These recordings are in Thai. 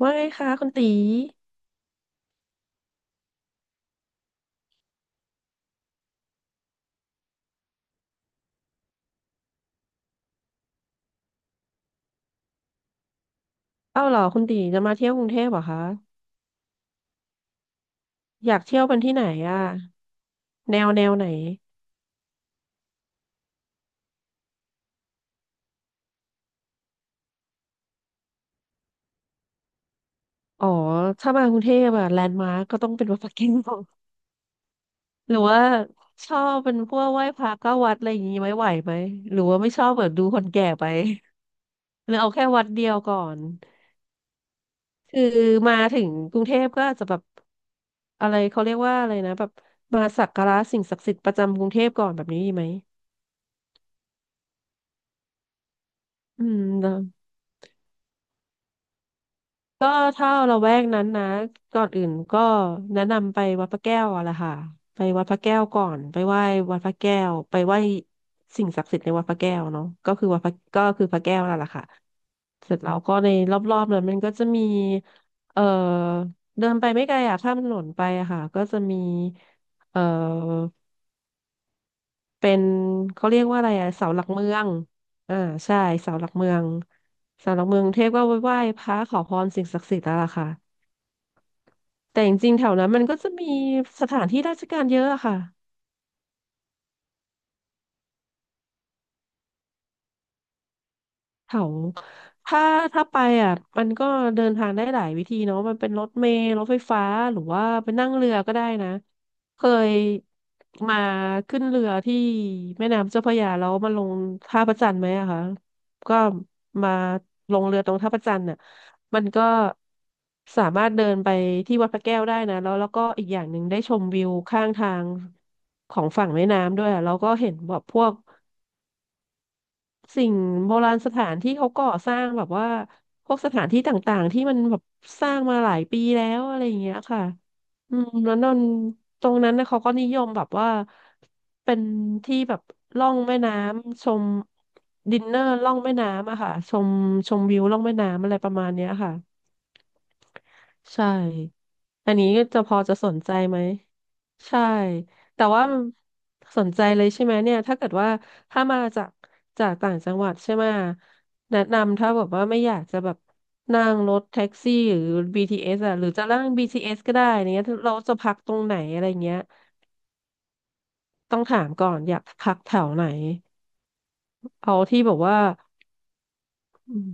ว่าไงคะคุณตีเอ้าเหรอคุณตีจะมาเที่ยวกรุงเทพเหรอคะอยากเที่ยวเป็นที่ไหนอ่ะแนวไหนอ๋อถ้ามากรุงเทพอะแลนด์มาร์กก็ต้องเป็นวัดพระแก้ว หรือว่าชอบเป็นพวกไหว้พระเก้าวัดอะไรอย่างงี้ไหมไหวไหมหรือว่าไม่ชอบแบบดูคนแก่ไป หรือเอาแค่วัดเดียวก่อนคือมาถึงกรุงเทพก็อาจจะแบบอะไรเขาเรียกว่าอะไรนะแบบมาสักการะสิ่งศักดิ์สิทธิ์ประจำกรุงเทพก่อนแบบนี้ดีไหมอืม ก็ถ้าละแวกนั้นนะก่อนอื่นก็แนะนำไปวัดพระแก้วอะละค่ะไปวัดพระแก้วก่อนไปไหว้วัดพระแก้วไปไหว้สิ่งศักดิ์สิทธิ์ในวัดพระแก้วเนาะก็คือวัดพระก็คือพระแก้วนั่นแหละค่ะเสร็จแล้วก็ในรอบๆนั้นมันก็จะมีเอ่อเดินไปไม่ไกลอะข้ามถนนไปอะค่ะก็จะมีเอ่อเป็นเขาเรียกว่าอะไรอะเสาหลักเมืองอ่าใช่เสาหลักเมืองเสาหลักเมืองกรุงเทพก็ไหว้พระขอพรสิ่งศักดิ์สิทธิ์แล้วล่ะค่ะ แต่จริงๆแถวนั้นมันก็จะมีสถานที่ราชการเยอะอะค่ะ เขาถ้าถ้าไปอ่ะมันก็เดินทางได้หลายวิธีเนาะมันเป็นรถเมล์รถไฟฟ้าหรือว่าไปนั่งเรือก็ได้นะเคยมาขึ้นเรือที่แม่น้ำเจ้าพระยาแล้วมาลงท่าพระจันทร์ไหมอะคะก็มาลงเรือตรงท่าพระจันทร์น่ะมันก็สามารถเดินไปที่วัดพระแก้วได้นะแล้วแล้วก็อีกอย่างหนึ่งได้ชมวิวข้างทางของฝั่งแม่น้ำด้วยอะแล้วก็เห็นแบบพวก สิ่งโบราณสถานที่เขาก่อสร้างแบบว่าพวกสถานที่ต่างๆที่มันแบบสร้างมาหลายปีแล้วอะไรอย่างเงี้ยค่ะอืมแล้วนนตรงนั้นนะเขาก็นิยมแบบว่าเป็นที่แบบล่องแม่น้ำชมดินเนอร์ล่องแม่น้ำอะค่ะชมชมวิวล่องแม่น้ำอะไรประมาณเนี้ยค่ะ ใช่ อันนี้ก็จะพอจะสนใจไหมใช่แต่ว่ามันสนใจเลยใช่ไหมเนี่ยถ้าเกิดว่าถ้ามาจากต่างจังหวัดใช่ไหมแนะนำถ้าแบบว่าไม่อยากจะแบบนั่งรถแท็กซี่หรือ BTS อ่ะหรือจะนั่ง BTS ก็ได้เนี้ยเราจะพักตรงไหนอะไรเงี้ยต้องถามก่อนอยากพักแถวไหนเอาที่แบบว่าอืม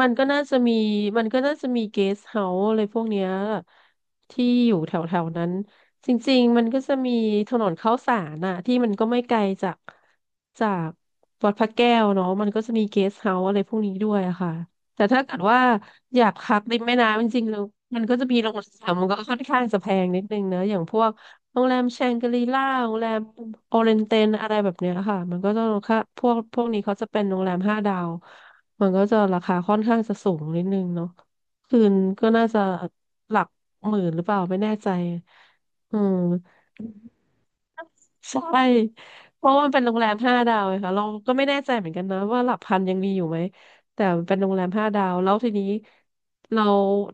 มันก็น่าจะมีมันก็น่าจะมีเกสเฮาส์อะไรพวกเนี้ยที่อยู่แถวแถวนั้นจริงๆมันก็จะมีถนนข้าวสารน่ะที่มันก็ไม่ไกลจากจากวัดพระแก้วเนาะมันก็จะมีเกสเฮาส์อะไรพวกนี้ด้วยอะค่ะแต่ถ้าเกิดว่าอยากพักริมแม่น้ำจริงๆแล้วมันก็จะมีโรงแรมมันก็ค่อนข้างจะแพงนิดนึงเนอะอย่างพวก โรงแรมแชงกรีล่าโรงแรมโอเรนเตนอะไรแบบเนี้ยค่ะมันก็จะราคาพวกพวกนี้เขาจะเป็นโรงแรมห้าดาวมันก็จะราคาค่อนข้างจะสูงนิดนึงเนาะคืนก็น่าจะหลักหมื่นหรือเปล่าไม่แน่ใจอืม ใช่เพราะว่ามันเป็นโรงแรมห้าดาวไงค่ะเราก็ไม่แน่ใจเหมือนกันนะว่าหลักพันยังมีอยู่ไหมแต่มันเป็นโรงแรมห้าดาวแล้วทีนี้เรา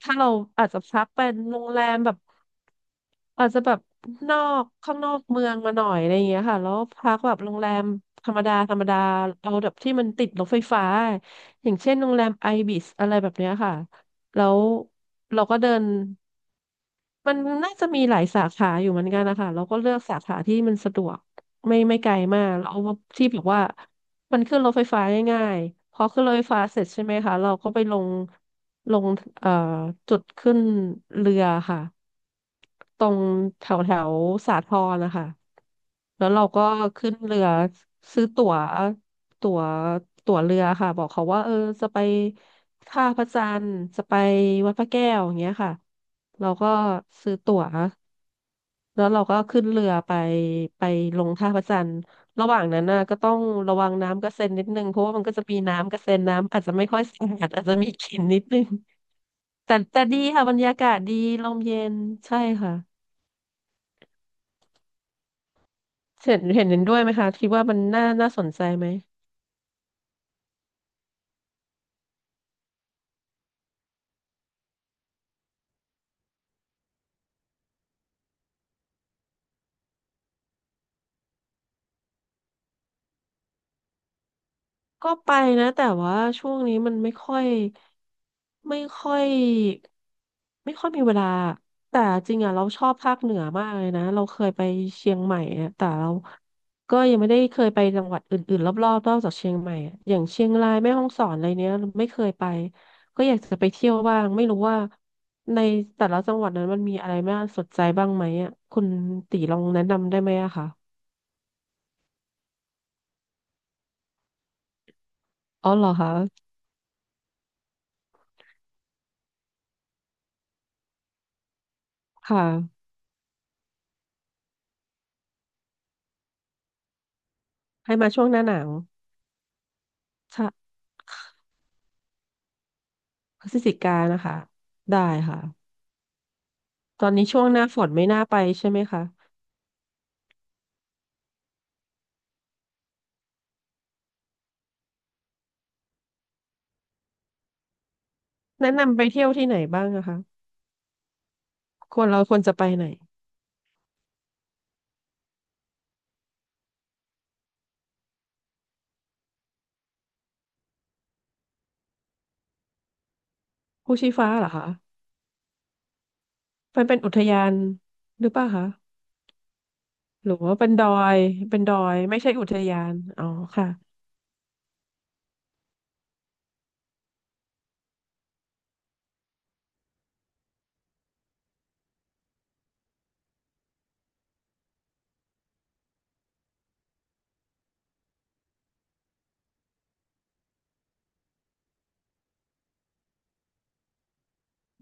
ถ้าเราอาจจะพักเป็นโรงแรมแบบอาจจะแบบนอกข้างนอกเมืองมาหน่อยอะไรอย่างเงี้ยค่ะแล้วพักแบบโรงแรมธรรมดาเอาแบบที่มันติดรถไฟฟ้าอย่างเช่นโรงแรมไอบิสอะไรแบบเนี้ยค่ะแล้วเราก็เดิน มันน่าจะมีหลายสาขาอยู่เหมือนกันนะคะเราก็เลือกสาขาที่มันสะดวกไม่ไกลมากเราเอาที่แบบว่ามันขึ้นรถไฟฟ้าง่ายๆพอขึ้นรถไฟฟ้าเสร็จใช่ไหมคะเราก็ไปลงลงเอ่อจุดขึ้นเรือค่ะ ตรงแถวแถวสาทรนะคะแล้วเราก็ขึ้นเรือซื้อตั๋วตั๋วตั๋วเรือค่ะบอกเขาว่าเออจะไปท่าพระจันทร์จะไปวัดพระแก้วอย่างเงี้ยค่ะเราก็ซื้อตั๋วแล้วเราก็ขึ้นเรือไปไปลงท่าพระจันทร์ระหว่างนั้นน่ะก็ต้องระวังน้ำกระเซ็นนิดนึงเพราะว่ามันก็จะมีน้ำกระเซ็นน้ำอาจจะไม่ค่อยสะอาดอาจจะมีกลิ่นนิดนึงแต่ดีค่ะบรรยากาศดีลมเย็นใช่ค่ะ เห็นด้วยไหมคะคิดว่ามันน่าสนใจไหมก็ไปนะแต่ว่าช่วงนี้มันไม่ค่อยไม่ค่อยไม่ค่อยมีเวลาแต่จริงอ่ะเราชอบภาคเหนือมากเลยนะเราเคยไปเชียงใหม่อะแต่เราก็ยังไม่ได้เคยไปจังหวัดอื่นๆรอบๆนอกจากเชียงใหม่อะอย่างเชียงรายแม่ฮ่องสอนอะไรเนี้ยไม่เคยไปก็อยากจะไปเที่ยวบ้างไม่รู้ว่าในแต่ละจังหวัดนั้นมันมีอะไรน่าสนใจบ้างไหมอ่ะคุณตีลองแนะนำได้ไหมอะคะอ๋อเหรอคะ ค่ะให้มาช่วงหน้าหนาวใชะพฤศจิกานะคะได้ค่ะตอนนี้ช่วงหน้าฝนไม่น่าไปใช่ไหมคะแนะนำไปเที่ยวที่ไหนบ้างนะคะควรเราควรจะไปไหนภูชีฟ้าเหรอคะมันเป็นอุทยานหรือเปล่าคะหรือว่าเป็นดอยเป็นดอยไม่ใช่อุทยานอ๋อค่ะ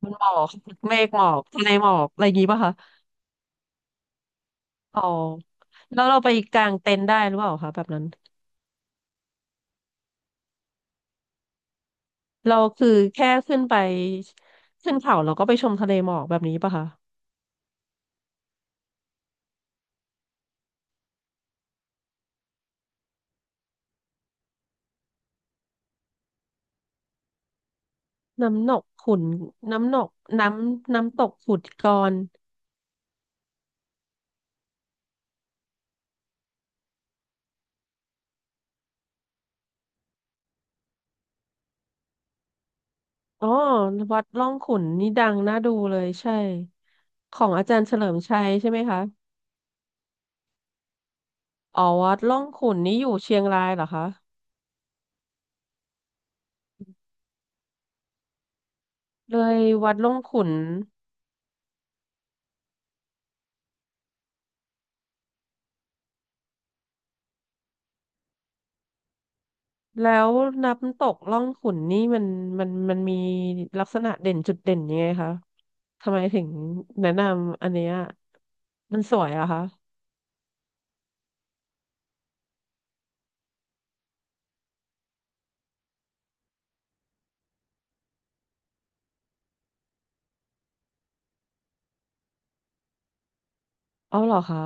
มันหมอกเมฆหมอกทะเลหมอกอะไรอย่างงี้ป่ะคะอ๋อแล้วเราไปกางเต็นท์ได้หรือเปล่าคะแบบนั้นเราคือแค่ขึ้นไปขึ้นเขาเราก็ไปชมทะเลหมอกแบบนี้ป่ะคะ น้ำหนกขุนน้ำหนกน้ำตกขุดกรอ๋อวัดร่องขุนนี่ดังน่าดูเลยใช่ของอาจารย์เฉลิมชัยใช่ไหมคะอ๋อวัดร่องขุนนี่อยู่เชียงรายเหรอคะเลยวัดร่องขุนแล้วน้ำตกร่องขุนนี่มันมีลักษณะเด่นจุดเด่นยังไงคะทำไมถึงแนะนำอันเนี้ยมันสวยอะคะเอาเหรอคะ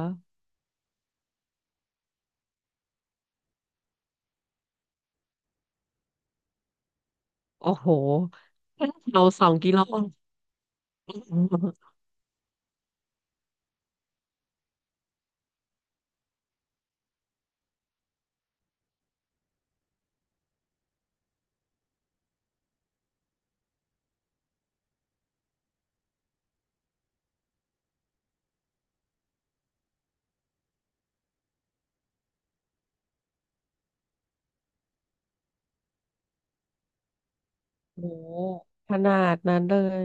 โอ้โหเรา2 กิโล โอ้ขนาดนั้นเลย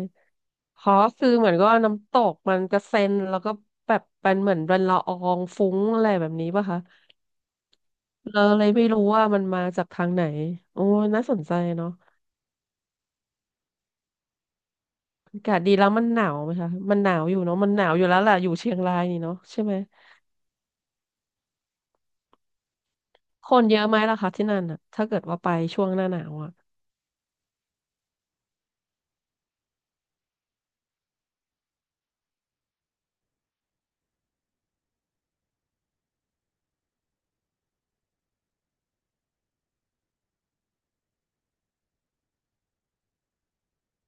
เพราะคือเหมือนก็น้ำตกมันกระเซ็นแล้วก็แบบเป็นเหมือนเป็นละอองฟุ้งอะไรแบบนี้ป่ะคะเราเลยไม่รู้ว่ามันมาจากทางไหนโอ้น่าสนใจเนาะอากาศดีแล้วมันหนาวไหมคะมันหนาวอยู่เนาะมันหนาวอยู่แล้วแหละอยู่เชียงรายนี่เนาะใช่ไหมคนเยอะไหมล่ะคะที่นั่นอ่ะถ้าเกิดว่าไปช่วงหน้าหนาวอ่ะ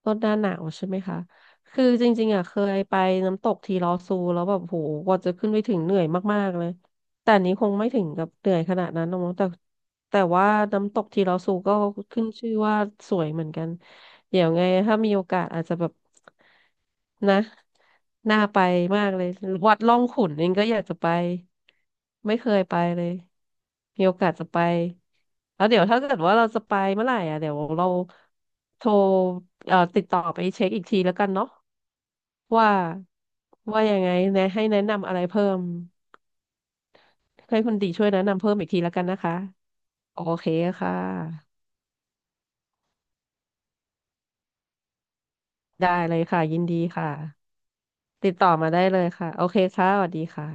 ลดหน้าหนาวใช่ไหมคะ คือจริงๆอ่ะเคยไปน้ำตกทีลอซูแล้วแบบโหกว่าจะขึ้นไปถึงเหนื่อยมากๆเลย แต่อันนี้คงไม่ถึงกับเหนื่อยขนาดนั้นหรอกมั้งแต่แต่ว่าน้ำตกทีลอซูก็ขึ้นชื่อว่าสวยเหมือนกัน เดี๋ยวไงถ้ามีโอกาสอาจจะแบบนะน่าไปมากเลยวัดร่องขุ่นเองก็อยากจะไปไม่เคยไปเลยมีโอกาสจะไปแล้วเดี๋ยวถ้าเกิดว่าเราจะไปเมื่อไหร่อ่ะเดี๋ยวเราโทรติดต่อไปเช็คอีกทีแล้วกันเนาะว่าว่ายังไงแนะให้แนะนำอะไรเพิ่มให้คุณดีช่วยแนะนำเพิ่มอีกทีแล้วกันนะคะโอเคค่ะได้เลยค่ะยินดีค่ะ ติดต่อมาได้เลยค่ะโอเคค่ะสวัสดีค่ะ